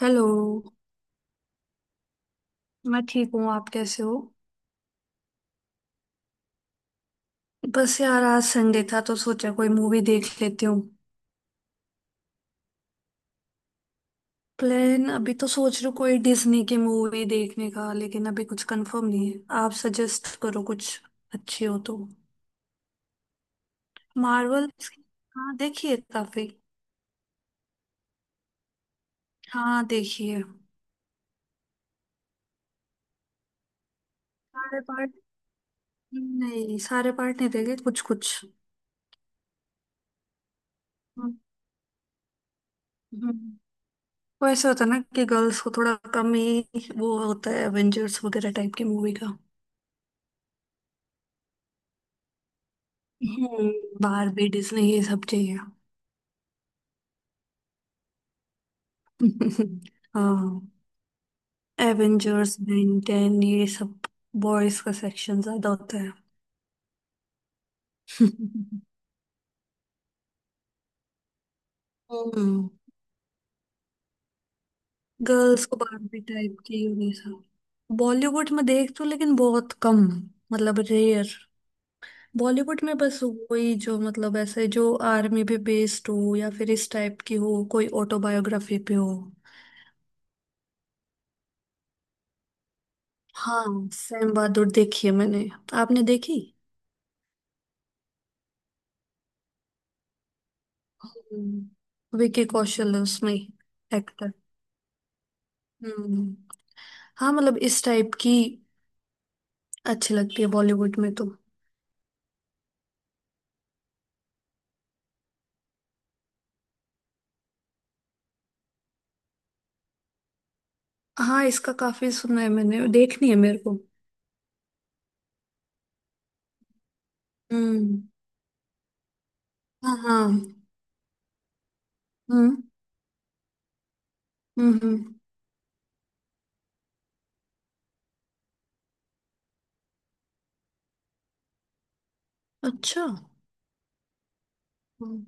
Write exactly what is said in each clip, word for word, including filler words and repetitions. Hello. मैं ठीक हूँ, आप कैसे हो? बस यार, आज संडे था तो सोचा कोई मूवी देख लेती हूँ। प्लान अभी तो सोच रही हूँ कोई डिज्नी की मूवी देखने का, लेकिन अभी कुछ कंफर्म नहीं है। आप सजेस्ट करो कुछ अच्छी हो तो। मार्वल। हाँ, देखिए काफी। हाँ, देखिए। सारे पार्ट नहीं, सारे पार्ट नहीं देखे, कुछ कुछ। हम्म। हम्म। वो ऐसे होता है ना कि गर्ल्स को थोड़ा कम ही वो होता है एवेंजर्स वगैरह टाइप की मूवी का। हम्म। बारबी डिज्नी ये सब चाहिए। हाँ। एवेंजर्स, बेन टेन ये सब बॉयज का सेक्शन ज्यादा होता है। हम्म। गर्ल्स को बारबी टाइप की ये सब। बॉलीवुड में देख तो लेकिन बहुत कम, मतलब रेयर। बॉलीवुड में बस वही जो मतलब ऐसे जो आर्मी पे बेस्ड हो या फिर इस टाइप की हो, कोई ऑटोबायोग्राफी पे हो। हाँ, सैम बहादुर देखी है मैंने। आपने देखी? हम्म। विकी कौशल है उसमें। एक्टर। हम्म। हाँ, मतलब इस टाइप की अच्छी लगती है बॉलीवुड में तो। हाँ, इसका काफी सुना है मैंने, देखनी है मेरे को। हम्म। हाँ, हाँ। हम्म, हम्म, हम्म। अच्छा। हम्म।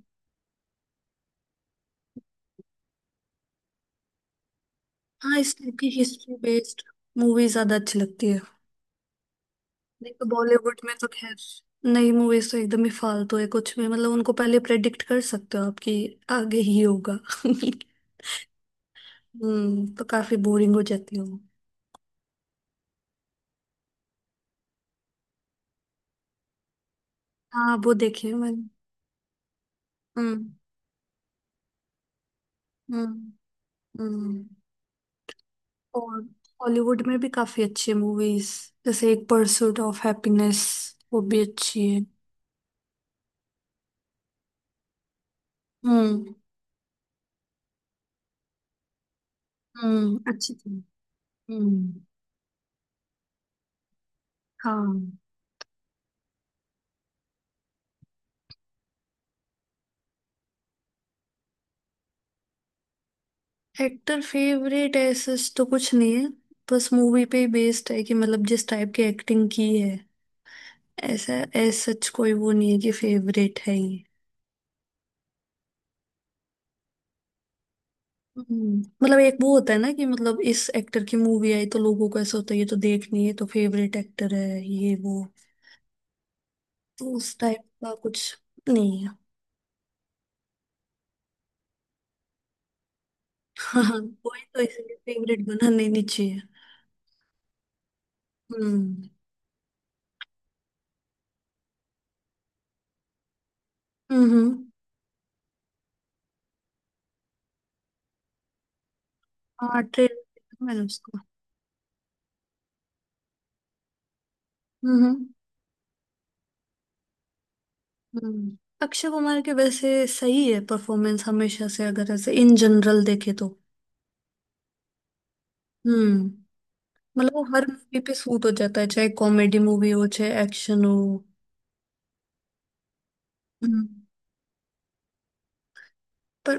हाँ, इस टाइप की हिस्ट्री बेस्ड मूवी ज्यादा अच्छी लगती है। नहीं तो बॉलीवुड में तो खैर नई मूवीज तो एकदम ही फालतू है, कुछ भी मतलब उनको पहले प्रेडिक्ट कर सकते हो आपकी आगे ही होगा। हम्म, तो काफी बोरिंग हो जाती है। हाँ, वो देखे हैं मैंने। हम्म, हम्म, हम्म। और हॉलीवुड में भी काफी अच्छी मूवीज जैसे एक परसूट ऑफ हैप्पीनेस, वो भी अच्छी है। हम्म। हम्म, अच्छी थी। हम्म। हाँ। एक्टर फेवरेट ऐसा तो कुछ नहीं है, बस मूवी पे ही बेस्ड है कि मतलब जिस टाइप की एक्टिंग की है। ऐसा ऐसा सच कोई वो नहीं है कि फेवरेट है ये। हम्म, मतलब एक वो होता है ना कि मतलब इस एक्टर की मूवी आई तो लोगों को ऐसा होता है ये तो देखनी है ये तो फेवरेट एक्टर है ये वो, तो उस टाइप का कुछ नहीं है। हाँ, कोई तो इसलिए फेवरेट बनाना ही नहीं चाहिए। हम्म, हम्म, हम्म। हाँ, ट्रेलर देखा मैंने उसको। हम्म, हम्म, हम्म। अक्षय कुमार के वैसे सही है परफॉर्मेंस हमेशा से, अगर ऐसे इन जनरल देखे तो। हम्म, मतलब वो हर मूवी पे सूट हो जाता है चाहे कॉमेडी मूवी हो चाहे एक्शन हो। हम्म। पर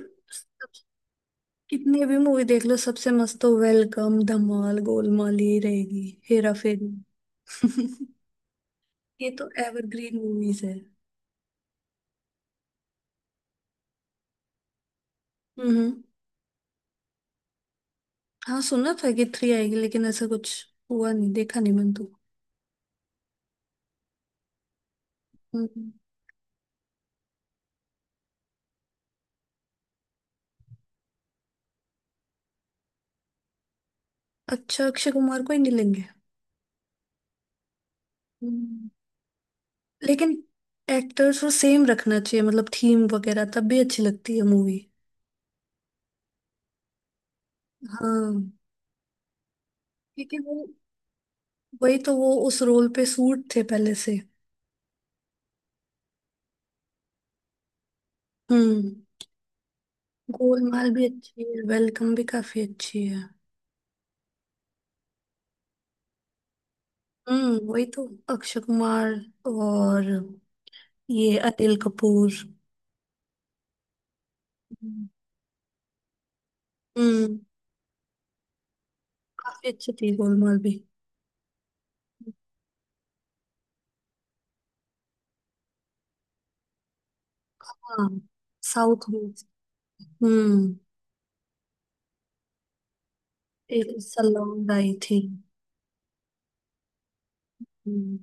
कितनी भी मूवी देख लो सबसे मस्त तो वेलकम, धमाल, गोलमाल ही रहेगी। हेरा फेरी। ये तो एवरग्रीन मूवीज है। हम्म। हाँ, सुना था कि थ्री आएगी लेकिन ऐसा कुछ हुआ नहीं, देखा नहीं मैंने तो। हम्म। अच्छा, अक्षय कुमार को ही नहीं लेंगे? हम्म। लेकिन एक्टर्स को सेम रखना चाहिए, मतलब थीम वगैरह तब भी अच्छी लगती है मूवी। हाँ, क्योंकि वो वही तो वो उस रोल पे सूट थे पहले से। हम्म। गोलमाल भी अच्छी है, वेलकम भी काफी अच्छी है। हम्म, वही तो। अक्षय कुमार और ये अनिल कपूर। हम्म। हम्म, काफी अच्छी थी गोलमाल भी। हाँ, साउथ में। हम्म। एक सलाउंड आई थी। हम्म।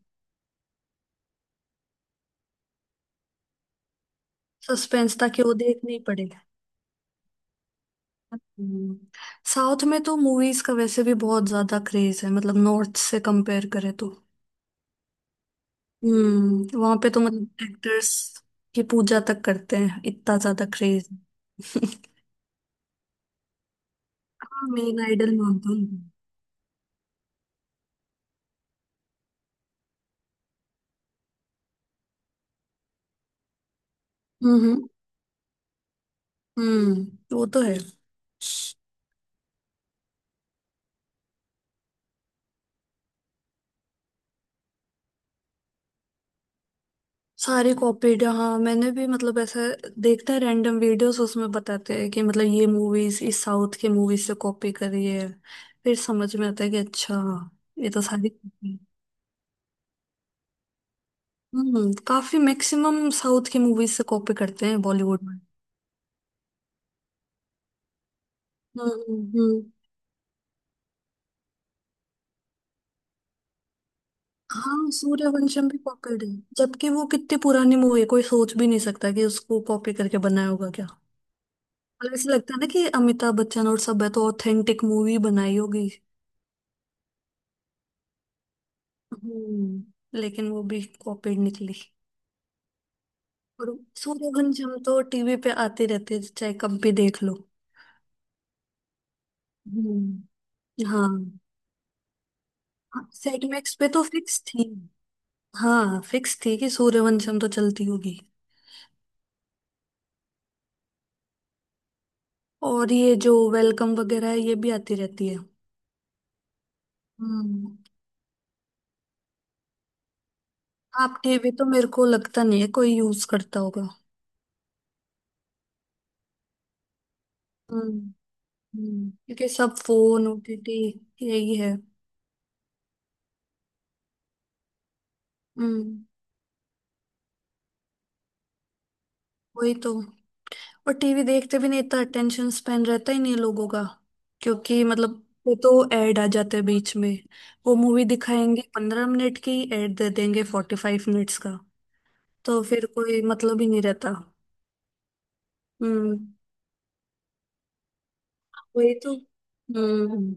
सस्पेंस था कि वो देखनी पड़ेगा। हम्म। साउथ में तो मूवीज का वैसे भी बहुत ज्यादा क्रेज है, मतलब नॉर्थ से कंपेयर करें तो। हम्म, वहां पे तो मतलब एक्टर्स की पूजा तक करते हैं, इतना ज्यादा क्रेज। मेन आइडल मानता हूँ। हम्म। वो तो है। सारी कॉपीड? हाँ, मैंने भी मतलब ऐसा देखते हैं रैंडम वीडियोस, उसमें बताते हैं कि मतलब ये मूवीज इस साउथ के मूवीज से कॉपी करी है। फिर समझ में आता है कि अच्छा। ये तो सारी copy है। हम्म, काफी मैक्सिमम साउथ की मूवीज से कॉपी करते हैं बॉलीवुड में। हम्म, हम्म, हम्म। हाँ, सूर्यवंशम भी कॉपीड है। जबकि वो कितनी पुरानी मूवी है, कोई सोच भी नहीं सकता कि उसको कॉपी करके बनाया होगा क्या। मतलब ऐसे लगता है ना कि अमिताभ बच्चन और सब है तो ऑथेंटिक मूवी बनाई होगी। हम्म, लेकिन वो भी कॉपीड निकली। और सूर्यवंश हम तो टीवी पे आते रहते हैं, चाहे कब भी देख लो। हम्म। हाँ, सेटमैक्स पे तो फिक्स थी। हाँ, फिक्स थी कि सूर्यवंशम तो चलती होगी। और ये जो वेलकम वगैरह है ये भी आती रहती है। हम्म। आप टीवी तो मेरे को लगता नहीं है कोई यूज करता होगा। हम्म। हम्म, क्योंकि सब फोन ओटीटी यही है। हम्म, वही तो। और टीवी देखते भी नहीं, इतना अटेंशन स्पेन रहता ही नहीं है लोगों का, क्योंकि मतलब वो तो ऐड आ जाते हैं बीच में। वो मूवी दिखाएंगे पंद्रह मिनट की, ऐड दे देंगे फोर्टी फाइव मिनट्स का। तो फिर कोई मतलब ही नहीं रहता। हम्म, वही तो। हम्म,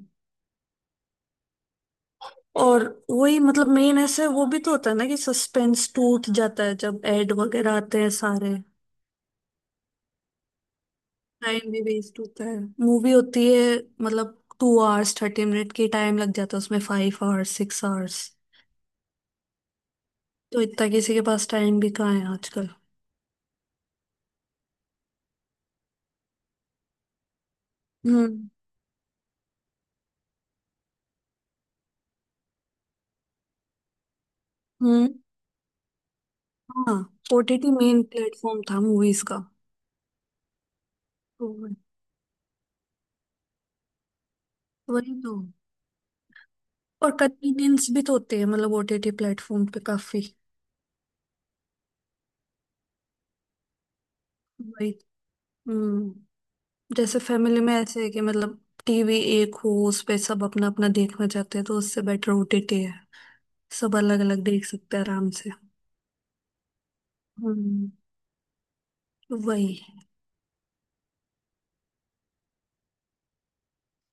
और वही मतलब मेन ऐसे वो भी तो होता है ना कि सस्पेंस टूट जाता है जब ऐड वगैरह आते हैं सारे। टाइम भी वेस्ट होता है, मूवी होती है मतलब टू आवर्स थर्टी मिनट की, टाइम लग जाता है उसमें फाइव आवर्स सिक्स आवर्स। तो इतना किसी के पास टाइम भी कहाँ है आजकल। हम्म। हम्म। हाँ, ओटीटी मेन प्लेटफॉर्म था मूवीज का। तो वही तो। और कन्वीनियंस भी तो होते हैं, मतलब ओटीटी प्लेटफॉर्म पे काफी। वही। हम्म, जैसे फैमिली में ऐसे है कि मतलब टीवी एक हो उस पे सब अपना अपना देखना चाहते हैं, तो उससे बेटर ओटीटी है। सब अलग अलग देख सकते हैं आराम से। हम्म, वही।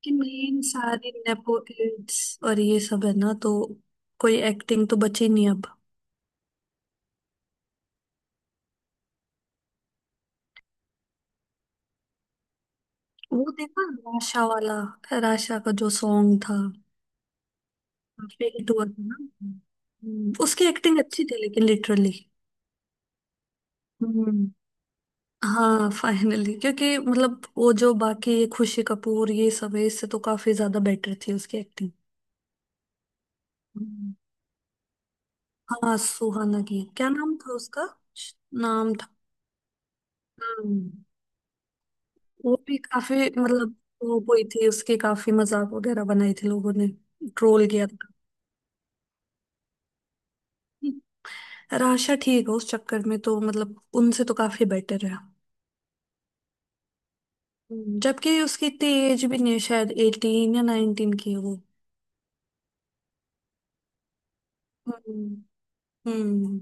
कि मेन सारे नेपो किड्स और ये सब है ना तो कोई एक्टिंग तो बची नहीं अब। वो देखा राशा वाला? राशा का जो सॉन्ग था काफी हिट हुआ था ना। हम्म, उसकी एक्टिंग अच्छी थी लेकिन लिटरली। हम्म। हाँ, फाइनली क्योंकि मतलब वो जो बाकी ये खुशी कपूर ये सब है इससे तो काफी ज्यादा बेटर थी उसकी एक्टिंग। हम्म। हाँ, सुहाना की क्या नाम था उसका? नाम था। हम्म, वो भी काफी मतलब वो हुई थी, उसके काफी मजाक वगैरह बनाए थे लोगों ने। ट्रोल किया था। यार आशा ठीक है, उस चक्कर में तो मतलब उनसे तो काफी बेटर है। हम्म, जबकि उसकी इतनी एज भी नहीं है, शायद एटीन या नाइनटीन की है वो। हम्म। हम्म।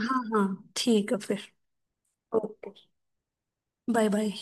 हाँ, हाँ ठीक है फिर। ओके। Bye bye.